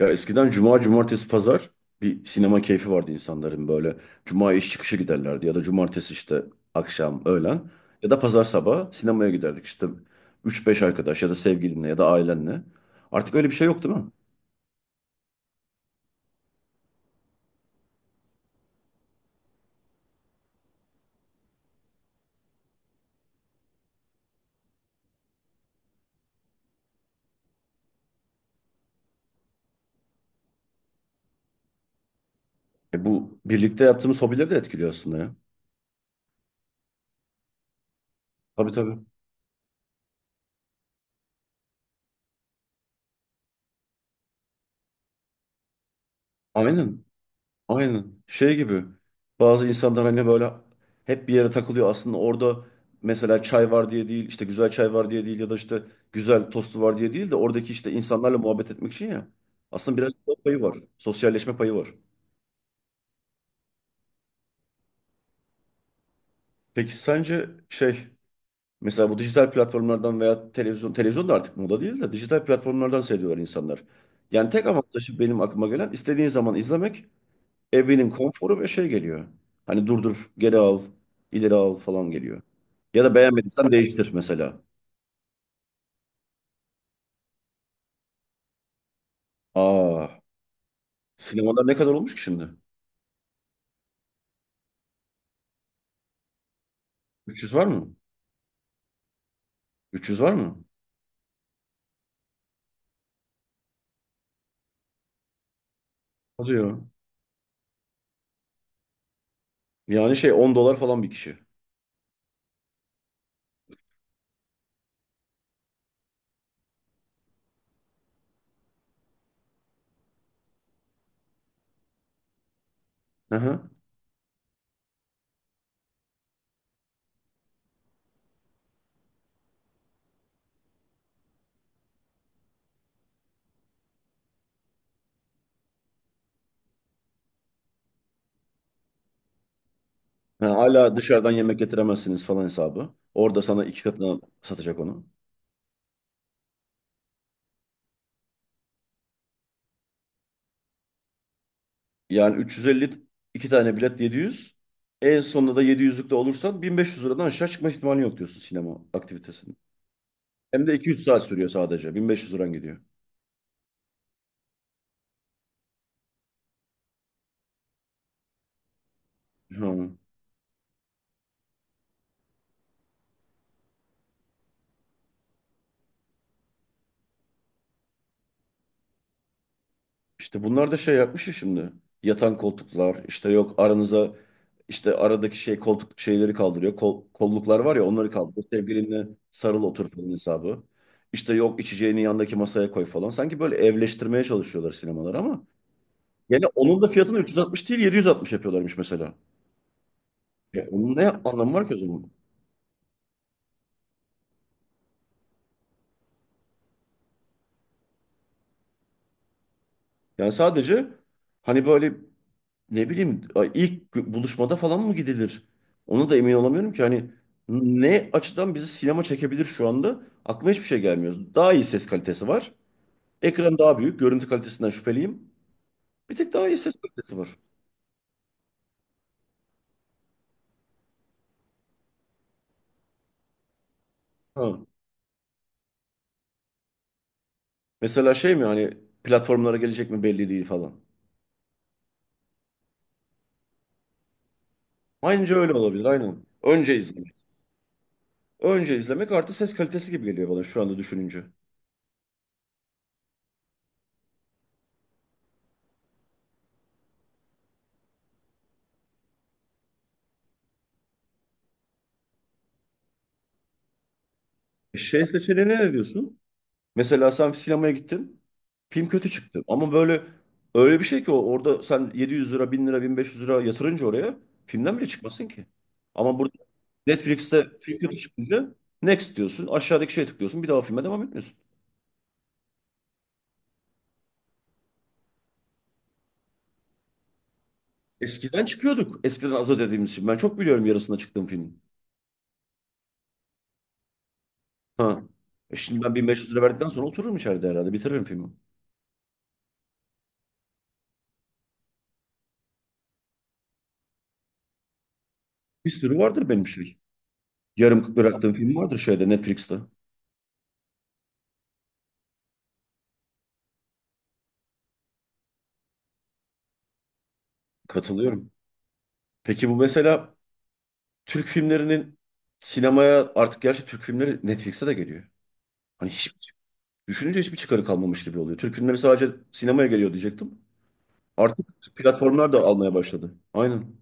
Ya eskiden cuma, cumartesi, pazar bir sinema keyfi vardı insanların böyle. Cuma iş çıkışı giderlerdi ya da cumartesi işte akşam, öğlen ya da pazar sabahı sinemaya giderdik işte üç beş arkadaş ya da sevgilinle ya da ailenle. Artık öyle bir şey yok değil mi? E bu birlikte yaptığımız hobileri de etkiliyor aslında ya. Tabii tabii. Aynen. Aynen. Şey gibi. Bazı insanlar hani böyle hep bir yere takılıyor. Aslında orada mesela çay var diye değil, işte güzel çay var diye değil ya da işte güzel tostu var diye değil de oradaki işte insanlarla muhabbet etmek için ya. Aslında biraz da payı var. Sosyalleşme payı var. Peki sence şey mesela bu dijital platformlardan veya televizyon da artık moda değil de dijital platformlardan seyrediyorlar insanlar. Yani tek avantajı benim aklıma gelen istediğin zaman izlemek. Evinin konforu ve şey geliyor. Hani durdur, geri al, ileri al falan geliyor. Ya da beğenmediysen değiştir mesela. Aa, sinemalar ne kadar olmuş ki şimdi? 300 var mı? 300 var mı? Hadi ya. Yani şey 10 dolar falan bir kişi. Hı hı. Yani hala dışarıdan yemek getiremezsiniz falan hesabı. Orada sana iki katına satacak onu. Yani 350 iki tane bilet 700. En sonunda da 700'lükte olursan 1.500 liradan aşağı çıkma ihtimali yok diyorsun sinema aktivitesinin. Hem de 2-3 saat sürüyor sadece. 1.500 liran gidiyor. Ha. İşte bunlar da şey yapmış ya şimdi. Yatan koltuklar işte yok aranıza işte aradaki şey koltuk şeyleri kaldırıyor. Kol, kolluklar var ya onları kaldırıyor. Sevgilinle sarıl otur falan hesabı. İşte yok içeceğini yandaki masaya koy falan. Sanki böyle evleştirmeye çalışıyorlar sinemalar ama yani onun da fiyatını 360 değil 760 yapıyorlarmış mesela. E onun ne anlamı var ki o zaman? Yani sadece hani böyle ne bileyim ay, ilk buluşmada falan mı gidilir? Ona da emin olamıyorum ki hani ne açıdan bizi sinema çekebilir şu anda? Aklıma hiçbir şey gelmiyor. Daha iyi ses kalitesi var. Ekran daha büyük. Görüntü kalitesinden şüpheliyim. Bir tek daha iyi ses kalitesi var. Ha. Mesela şey mi hani platformlara gelecek mi belli değil falan. Aynıca öyle olabilir aynen. Önce izlemek. Önce izlemek artı ses kalitesi gibi geliyor bana şu anda düşününce. Şey seçeneğine ne diyorsun? Mesela sen sinemaya gittin. Film kötü çıktı. Ama böyle öyle bir şey ki o orada sen 700 lira, 1.000 lira, 1.500 lira yatırınca oraya filmden bile çıkmasın ki. Ama burada Netflix'te film kötü çıkınca next diyorsun. Aşağıdaki şeye tıklıyorsun. Bir daha o filme devam etmiyorsun. Eskiden çıkıyorduk. Eskiden az ödediğimiz için. Ben çok biliyorum yarısında çıktığım filmin. Ha. E şimdi ben 1.500 lira verdikten sonra otururum içeride herhalde. Bitiririm filmi. Bir sürü vardır benim şey. Yarım bıraktığım film vardır şeyde Netflix'te. Katılıyorum. Peki bu mesela Türk filmlerinin sinemaya artık gerçi Türk filmleri Netflix'e de geliyor. Hani hiç düşününce hiçbir çıkarı kalmamış gibi oluyor. Türk filmleri sadece sinemaya geliyor diyecektim. Artık platformlar da almaya başladı. Aynen.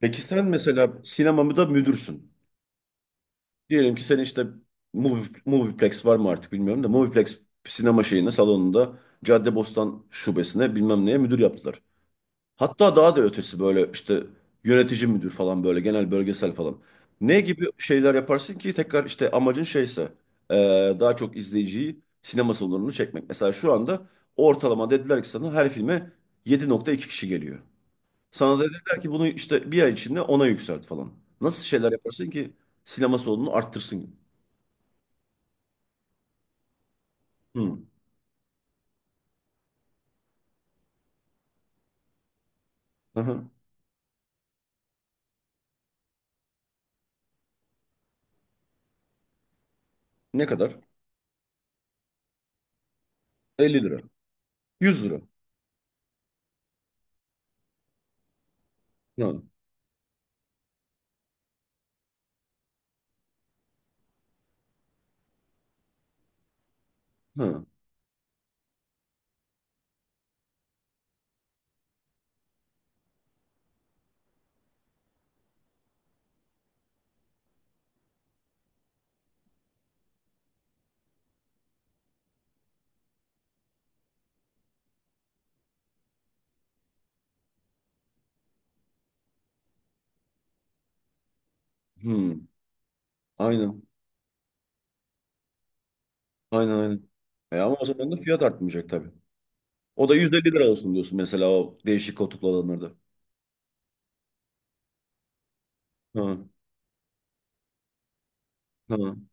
Peki sen mesela sinemamı da müdürsün. Diyelim ki senin işte Movie, Movieplex var mı artık bilmiyorum da Movieplex sinema şeyine salonunda Caddebostan şubesine bilmem neye müdür yaptılar. Hatta daha da ötesi böyle işte yönetici müdür falan böyle genel bölgesel falan. Ne gibi şeyler yaparsın ki tekrar işte amacın şeyse e, daha çok izleyiciyi sinema salonunu çekmek. Mesela şu anda ortalama dediler ki sana her filme 7,2 kişi geliyor. Sana da dediler ki bunu işte bir ay içinde ona yükselt falan. Nasıl şeyler yaparsın ki sinema salonunu arttırsın? Hı. Aha. Ne kadar? Elli lira. Yüz lira. Ha. Ha. Hı. Aynen. Aynen aynen. E ama o zaman da fiyat artmayacak tabii. O da 150 lira olsun diyorsun mesela o değişik koltuklu olanlarda. Ha, ha.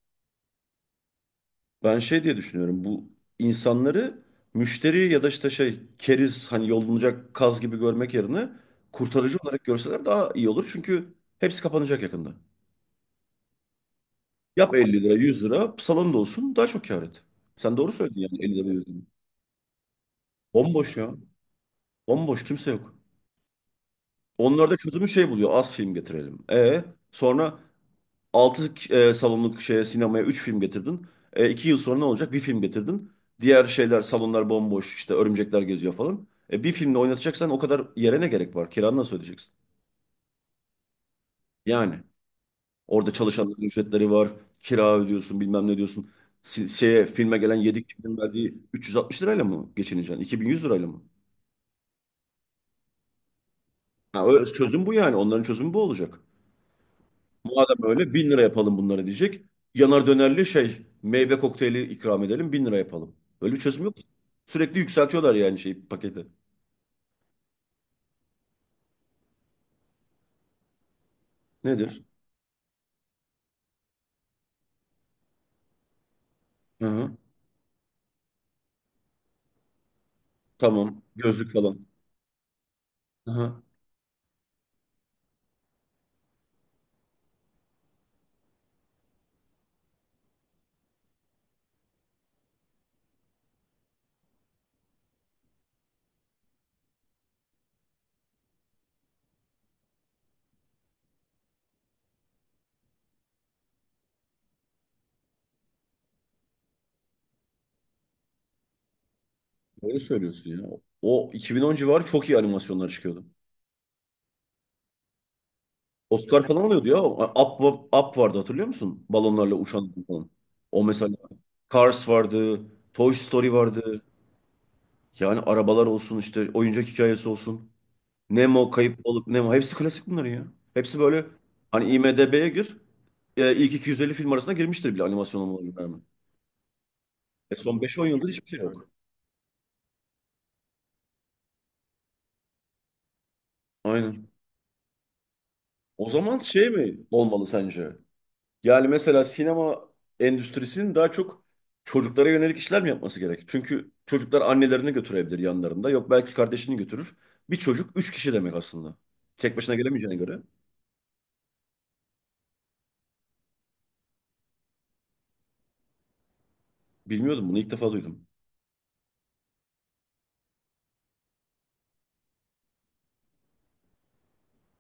Ben şey diye düşünüyorum bu insanları müşteri ya da işte şey keriz hani yolunacak kaz gibi görmek yerine kurtarıcı olarak görseler daha iyi olur. Çünkü hepsi kapanacak yakında. Yap 50 lira 100 lira salon da olsun daha çok kâr et. Sen doğru söyledin yani 50 lira 100 lira. Bomboş ya. Bomboş kimse yok. Onlar da çözümü şey buluyor az film getirelim. E sonra altı salonluk şeye, sinemaya 3 film getirdin. E, 2 yıl sonra ne olacak? Bir film getirdin. Diğer şeyler salonlar bomboş işte örümcekler geziyor falan. E, bir filmle oynatacaksan o kadar yere ne gerek var? Kiranı nasıl ödeyeceksin? Yani orada çalışanların ücretleri var. Kira ödüyorsun bilmem ne diyorsun. Şeye filme gelen 7 kişinin verdiği 360 lirayla mı geçineceksin? 2.100 lirayla mı? Ha, öyle çözüm bu yani. Onların çözümü bu olacak. Madem öyle bin lira yapalım bunları diyecek. Yanar dönerli şey meyve kokteyli ikram edelim 1.000 lira yapalım. Öyle bir çözüm yok. Sürekli yükseltiyorlar yani şey paketi. Nedir? Hı hı. Tamam. Gözlük falan. Hı hı. Öyle söylüyorsun ya. O 2010 civarı çok iyi animasyonlar çıkıyordu. Oscar falan alıyordu ya. Up, Up vardı hatırlıyor musun? Balonlarla uçan falan. O mesela. Cars vardı. Toy Story vardı. Yani arabalar olsun işte oyuncak hikayesi olsun. Nemo, Kayıp Balık, Nemo. Hepsi klasik bunların ya. Hepsi böyle hani IMDb'ye gir. E, ilk 250 film arasına girmiştir bile animasyon olmalarına rağmen. E, son beş on yıldır hiçbir şey yok. Aynen. O zaman şey mi olmalı sence? Yani mesela sinema endüstrisinin daha çok çocuklara yönelik işler mi yapması gerek? Çünkü çocuklar annelerini götürebilir yanlarında. Yok belki kardeşini götürür. Bir çocuk 3 kişi demek aslında. Tek başına gelemeyeceğine göre. Bilmiyordum bunu ilk defa duydum.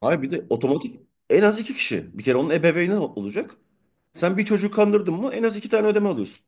Hayır bir de otomatik en az 2 kişi. Bir kere onun ebeveyni olacak. Sen bir çocuğu kandırdın mı en az iki tane ödeme alıyorsun.